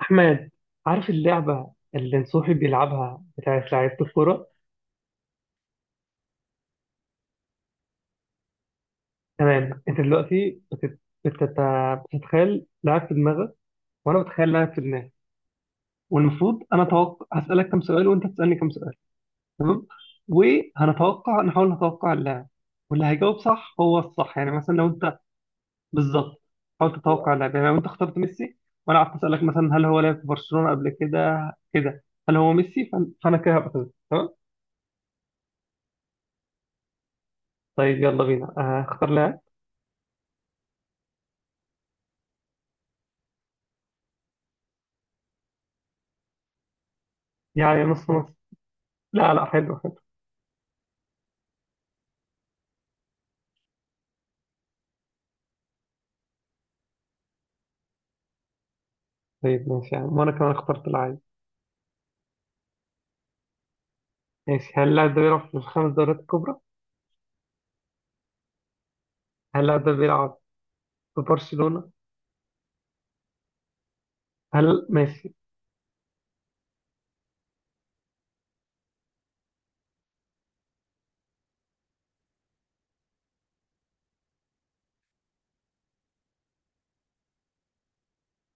أحمد، عارف اللعبة اللي نصوحي بيلعبها بتاعت لعيبة الكورة؟ تمام. أنت دلوقتي بتت- بتت- بتتخيل لاعب في دماغك، وأنا بتخيل لاعب في دماغي. والمفروض أنا أتوقع هسألك كم سؤال وأنت تسألني كم سؤال. تمام؟ وهنتوقع نحاول نتوقع اللاعب. واللي هيجاوب صح هو الصح. يعني مثلا لو أنت، بالظبط. حاول تتوقع اللاعب. يعني لو أنت اخترت ميسي وأنا قعدت أسألك مثلا، هل هو لعب في برشلونة قبل كده، كده هل هو ميسي، فأنا كده هبقى كده. تمام؟ طيب يلا بينا. اختار لاعب. يعني نص نص. لا لا، حلو حلو. طيب ماشي، يعني وانا كمان اخترت العادي. ماشي. هل اللاعب ده بيلعب في الخمس دوريات الكبرى؟ هل اللاعب ده بيلعب في برشلونة؟ ماشي.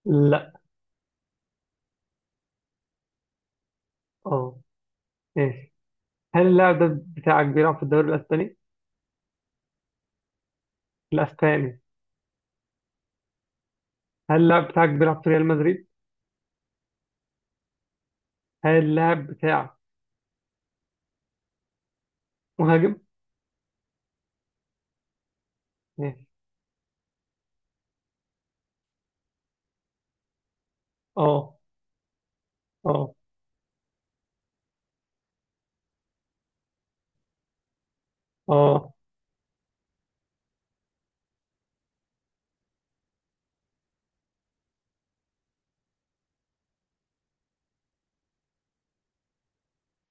لا، اه، ماشي. هل اللاعب ده بتاعك بيلعب في الدوري الاسباني؟ الاسباني. هل اللاعب بتاعك بيلعب في ريال مدريد؟ هل اللاعب بتاعك مهاجم؟ ماشي، اه اه اه،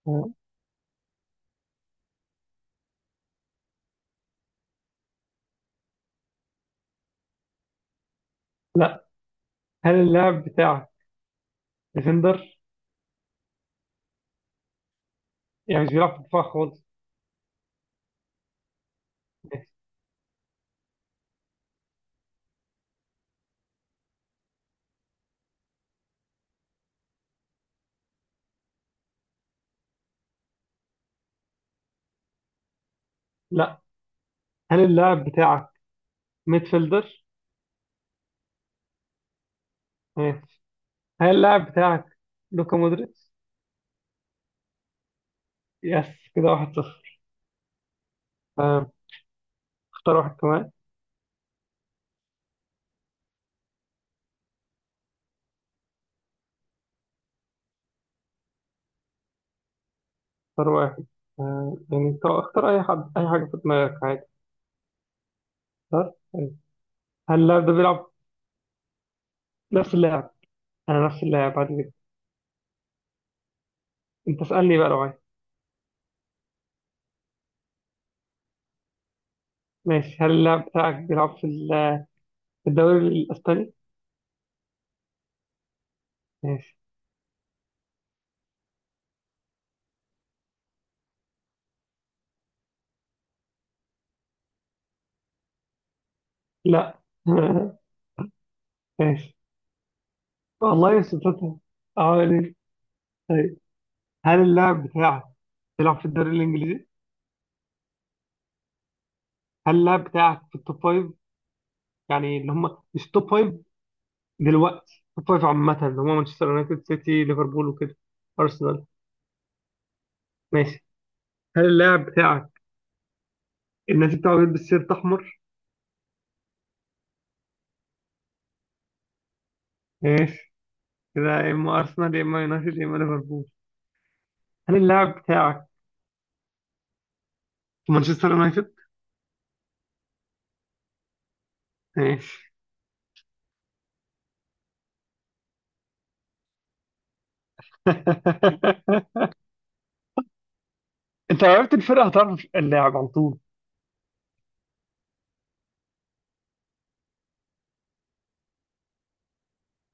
آه. لا. هل اللاعب بتاعك ديفندر؟ يعني مش بيلعب في الدفاع خالص. ماشي. لا. هل اللاعب بتاعك ميدفيلدر؟ هل اللاعب بتاعك لوكا مودريتش؟ يس. كده 1-0. آه، اختار واحد كمان. اختار واحد. يعني انت اختار اي حد اي حاجه في دماغك عادي. اختار طيب. هل اللاعب ده بيلعب نفس اللاعب. انا نفس اللاعب عادي جدا. انت اسالني بقى لو عايز. ماشي، هل اللاعب بتاعك بيلعب في الدوري الاسباني؟ ماشي. لا. ماشي. والله يا ستات. اه، ليه؟ طيب. هل اللاعب بتاعك بيلعب في الدوري الانجليزي؟ هل اللاعب بتاعك في التوب فايف؟ يعني اللي هم مش توب فايف، دلوقتي توب فايف عامة اللي هو مانشستر يونايتد، سيتي، ليفربول وكده، أرسنال. ماشي. هل اللاعب بتاعك النادي بتاعه بيلبس سيرت أحمر؟ ماشي. كده يا إما أرسنال، يا إما يونايتد، يا إما ليفربول. هل اللاعب بتاعك في مانشستر يونايتد؟ ماشي. أنت لو عرفت الفرقة هتعرف اللاعب على طول.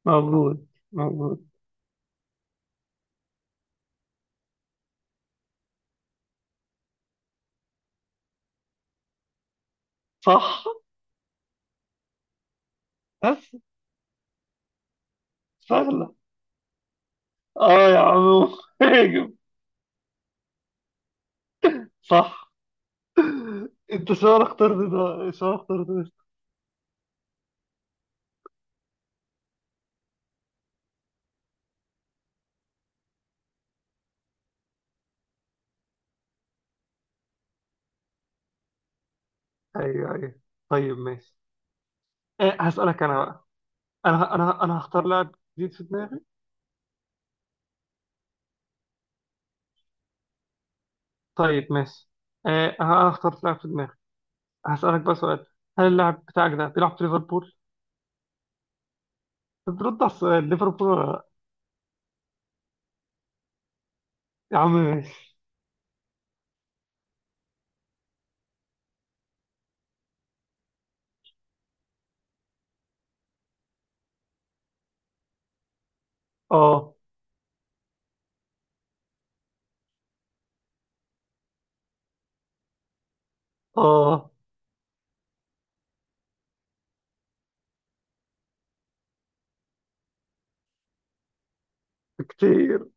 موجود موجود. صح. بس. سهلة. آه يا عمو، هاجم. صح. أنت شو اخترت ده، شو اخترت ده؟ أيوه أيوه. طيب ماشي. إيه، هسألك أنا بقى. أنا هختار لاعب جديد في دماغي. طيب ماشي. إيه، أنا اخترت لاعب في دماغي. هسألك بقى سؤال. هل اللاعب بتاعك ده بيلعب في ليفربول؟ بترد على السؤال، ليفربول ولا لأ؟ يا عم ماشي. آه. آه. كتير.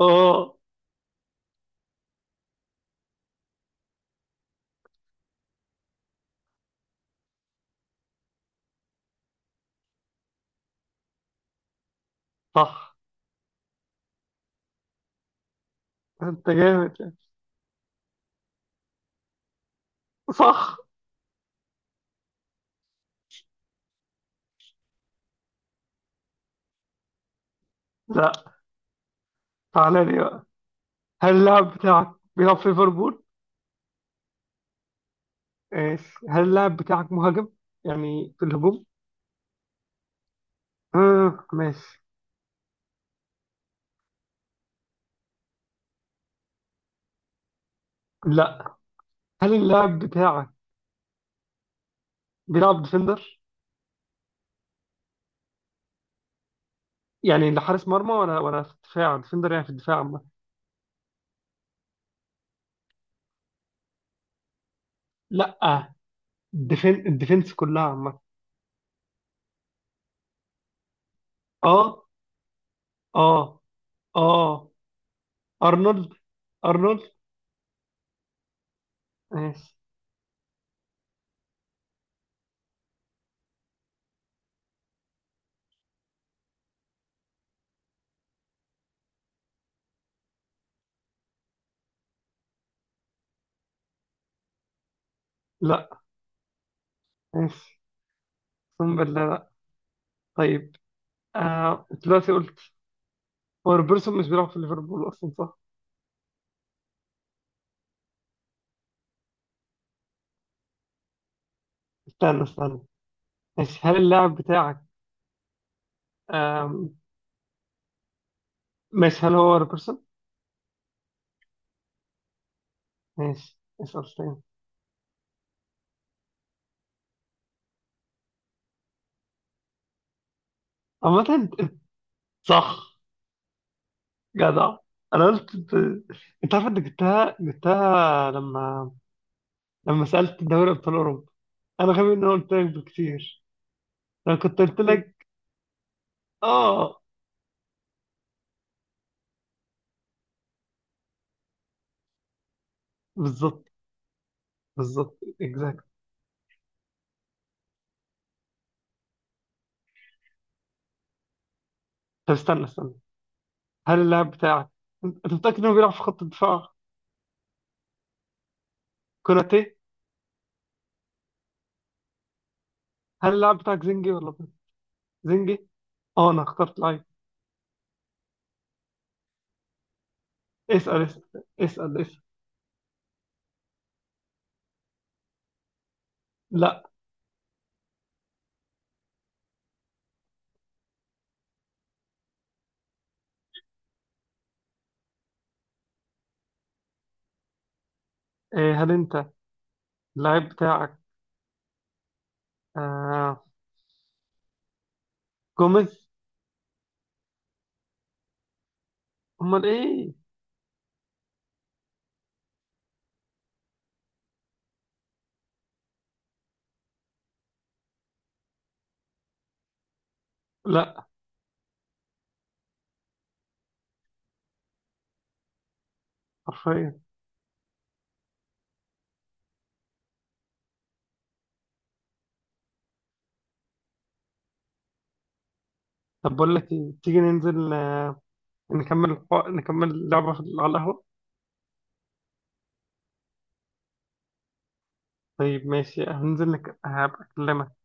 آه. صح. أنت جامد يعني. صح. لا. تعالى لي بقى. هل اللاعب بتاعك بيلعب في ليفربول؟ ماشي. هل اللاعب بتاعك مهاجم؟ يعني في الهجوم؟ آه ماشي. لا. هل اللاعب بتاعك بيلعب ديفندر؟ يعني لحارس مرمى ولا في الدفاع، ديفندر يعني في الدفاع عامة. لا، الديفنس كلها عامة. اه. اه. اه. ارنولد. ارنولد. ماشي. لا. ماشي. اقسم بالله لا. طيب. آه دلوقتي قلت، هو روبرتسون مش بيلعب في ليفربول اصلا صح؟ استنى استنى. ماشي، هل اللاعب بتاعك آم، ماشي هل هو روبرتسون؟ ماشي. اسأل تاني. عامة. أنت- صح. جدع. انا قلت انت عارف. انت جبتها جبتها، لما سألت دوري أبطال أوروبا. أنا غبي إن أنا قلت لك بكتير. لو كنت قلت لك آه، بالظبط، بالظبط، إكزاكت. طب استنى استنى. هل اللاعب بتاعك أنت متأكد إنه بيلعب في خط الدفاع؟ كوناتي. هل اللاعب بتاعك زنجي ولا بيض؟ زنجي. آه أنا اخترت لعيب. اسأل اسأل. اسأل اسأل. لا. إيه. هل أنت اللاعب بتاعك، آه جوميز. أمال إيه. لا. حرفيا. طب بقول لك إيه، تيجي ننزل، نكمل نكمل لعبة على القهوة. طيب ماشي، هنزل لك هبقى أكلمك.